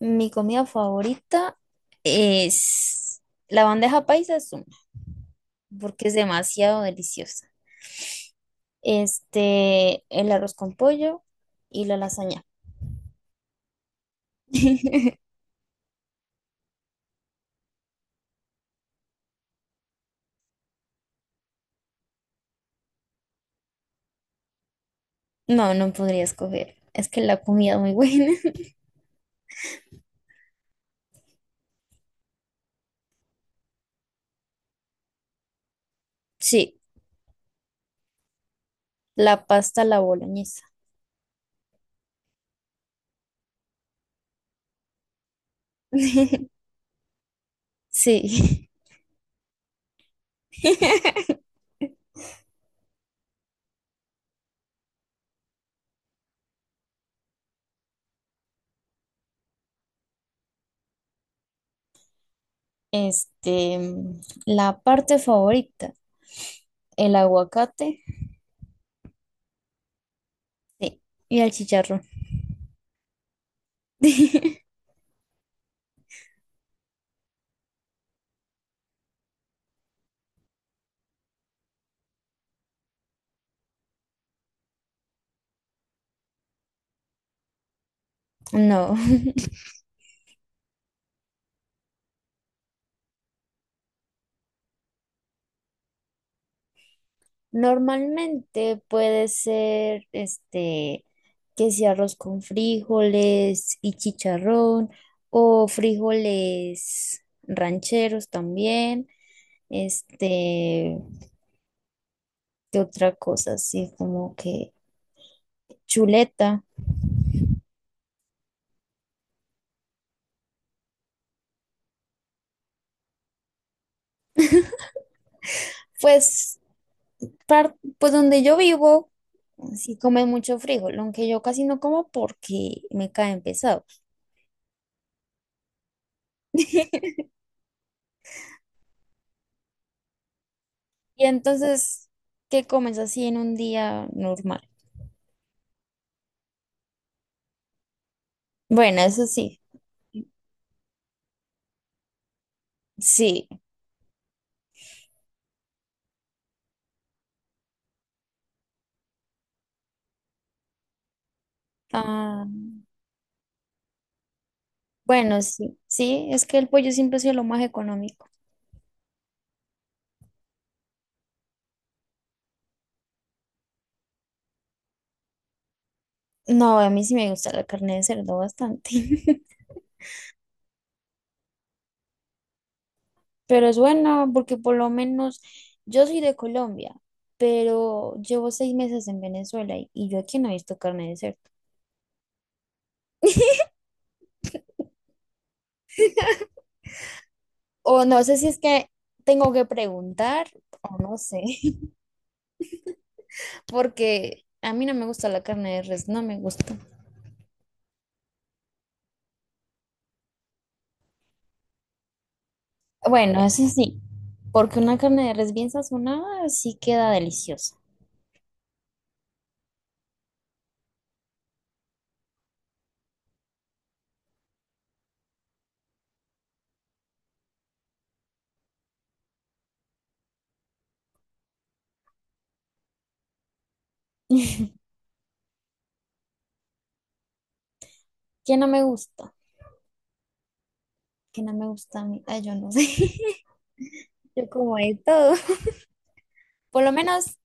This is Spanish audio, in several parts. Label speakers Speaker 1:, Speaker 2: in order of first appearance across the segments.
Speaker 1: Mi comida favorita es la bandeja paisa, es una, porque es demasiado deliciosa. El arroz con pollo y la lasaña. No, no podría escoger. Es que la comida es muy buena. Sí, la pasta, a la boloñesa. Sí. Este, la parte favorita, el aguacate, sí, y el chicharrón. No. Normalmente puede ser que sea arroz con frijoles y chicharrón o frijoles rancheros también. Este, ¿Qué otra cosa? Así como que chuleta. Pues, pues donde yo vivo, sí comen mucho frijol, aunque yo casi no como porque me caen pesados. Y entonces, ¿qué comes así en un día normal? Bueno, eso sí. Sí, ah, bueno, sí, sí, es que el pollo siempre ha sido lo más económico. No, a mí sí me gusta la carne de cerdo bastante. Pero es buena porque por lo menos yo soy de Colombia, pero llevo 6 meses en Venezuela y, yo aquí no he visto carne de cerdo. O no sé si es que tengo que preguntar o no sé. Porque a mí no me gusta la carne de res, no me gusta. Bueno, eso sí, porque una carne de res bien sazonada sí queda deliciosa. ¿Qué no me gusta? ¿Qué no me gusta a mí? Ay, yo no sé. Yo como de todo. Por lo menos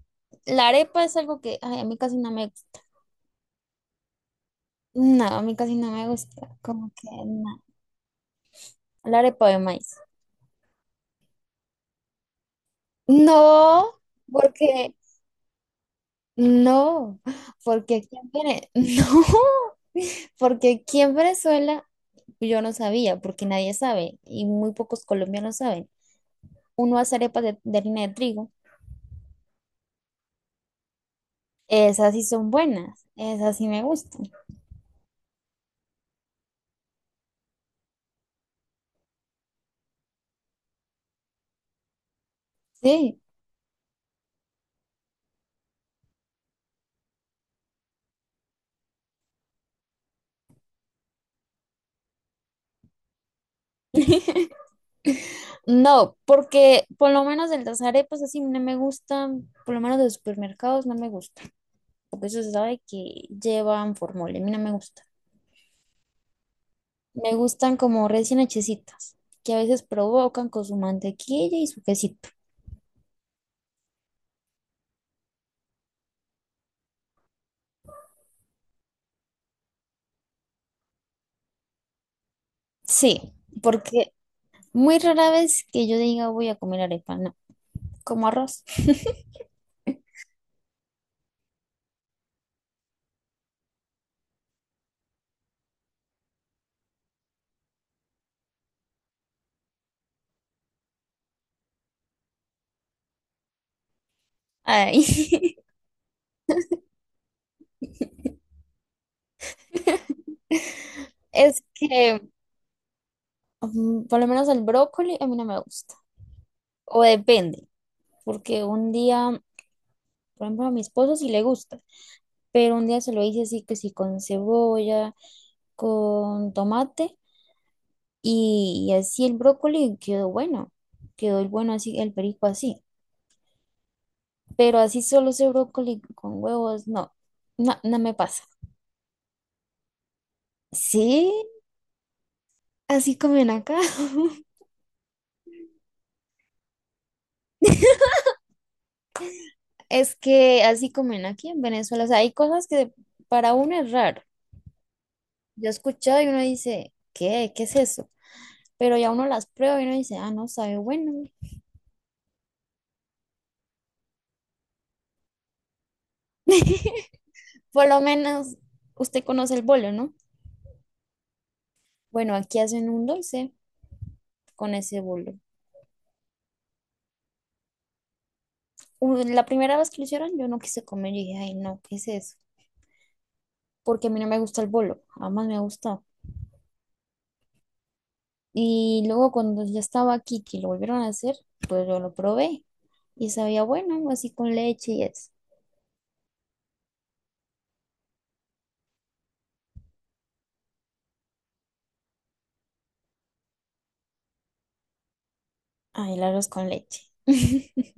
Speaker 1: la arepa es algo que ay, a mí casi no me gusta. No, a mí casi no me gusta. Como que no. La arepa de maíz. No, porque no, porque aquí en Vene- no, porque aquí en Venezuela yo no sabía, porque nadie sabe y muy pocos colombianos saben. Uno hace arepas de harina de trigo. Esas sí son buenas, esas sí me gustan. Sí. No, porque por lo menos el las arepas así no me gustan, por lo menos de los supermercados no me gustan, porque eso se sabe que llevan formol, a mí no me gusta. Me gustan como recién hechecitas, que a veces provocan con su mantequilla y su quesito. Sí, porque muy rara vez que yo diga voy a comer arepa, no, como arroz. Ay. Es que por lo menos el brócoli a mí no me gusta, o depende, porque un día por ejemplo, a mi esposo sí le gusta, pero un día se lo hice así que sí con cebolla, con tomate y así el brócoli quedó bueno, quedó el bueno así, el perico así, pero así solo ese brócoli con huevos, no, no me pasa. Sí, así comen acá. Es que así comen aquí en Venezuela, o sea, hay cosas que para uno es raro. Yo he escuchado y uno dice, ¿qué? ¿Qué es eso? Pero ya uno las prueba y uno dice, ah, no, sabe bueno. Por lo menos usted conoce el bolo, ¿no? Bueno, aquí hacen un dulce con ese bolo. U- la primera vez que lo hicieron, yo no quise comer y dije, ay, no, ¿qué es eso? Porque a mí no me gusta el bolo, jamás me ha gustado. Y luego cuando ya estaba aquí, que lo volvieron a hacer, pues yo lo probé y sabía bueno, así con leche y eso. Ay, el arroz con leche.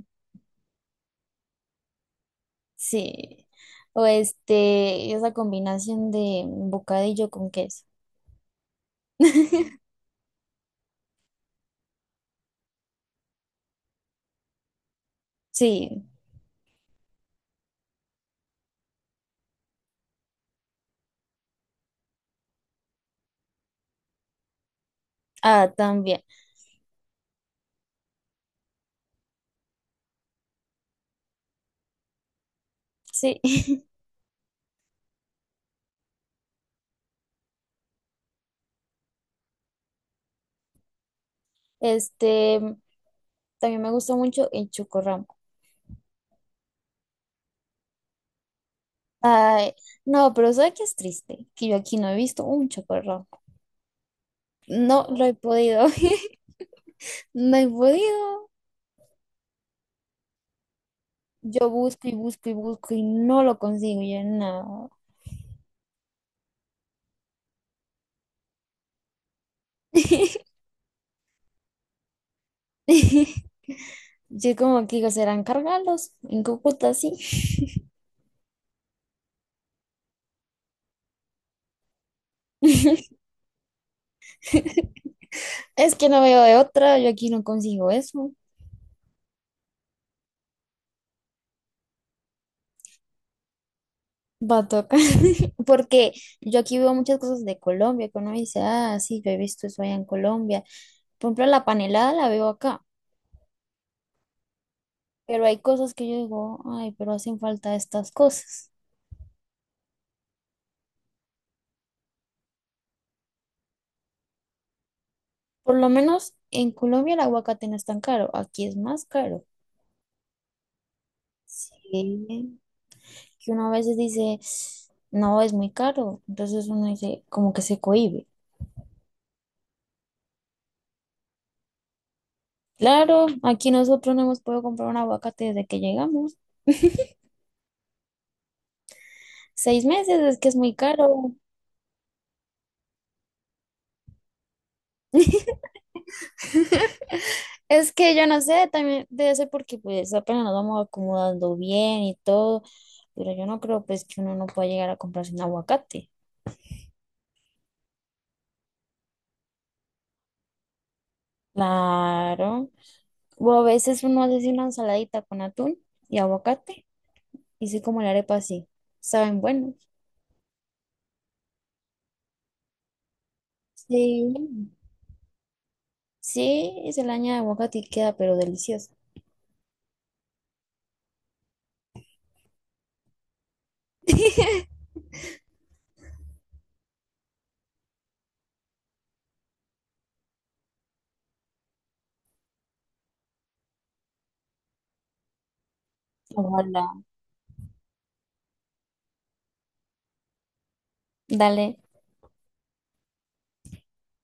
Speaker 1: Sí. O esa combinación de bocadillo con queso. Sí. Ah, también. Sí. Este, también me gustó mucho el chocorramo. Ay, no, pero ¿sabes qué es triste? Que yo aquí no he visto un chocorramo. No lo he podido. No he podido. Yo busco y busco y busco y no lo consigo. Yo no. Yo como que digo, serán cargalos en Cúcuta, sí. Es que no veo de otra. Yo aquí no consigo eso. Va a tocar, porque yo aquí veo muchas cosas de Colombia, que uno dice, ah, sí, yo he visto eso allá en Colombia. Por ejemplo, la panelada la veo acá, pero hay cosas que yo digo, ay, pero hacen falta estas cosas. Por lo menos en Colombia el aguacate no es tan caro, aquí es más caro. Sí, que uno a veces dice, no, es muy caro, entonces uno dice, como que se cohíbe. Claro, aquí nosotros no hemos podido comprar un aguacate desde que llegamos. 6 meses es que es muy caro. Es que yo no sé, también debe ser porque pues apenas nos vamos acomodando bien y todo, pero yo no creo pues que uno no pueda llegar a comprarse un aguacate. Claro. O a veces uno hace así una ensaladita con atún y aguacate, y sí como la arepa así. Saben buenos. Sí. Sí, y se le añade aguacate y queda pero delicioso. Ojalá. Dale.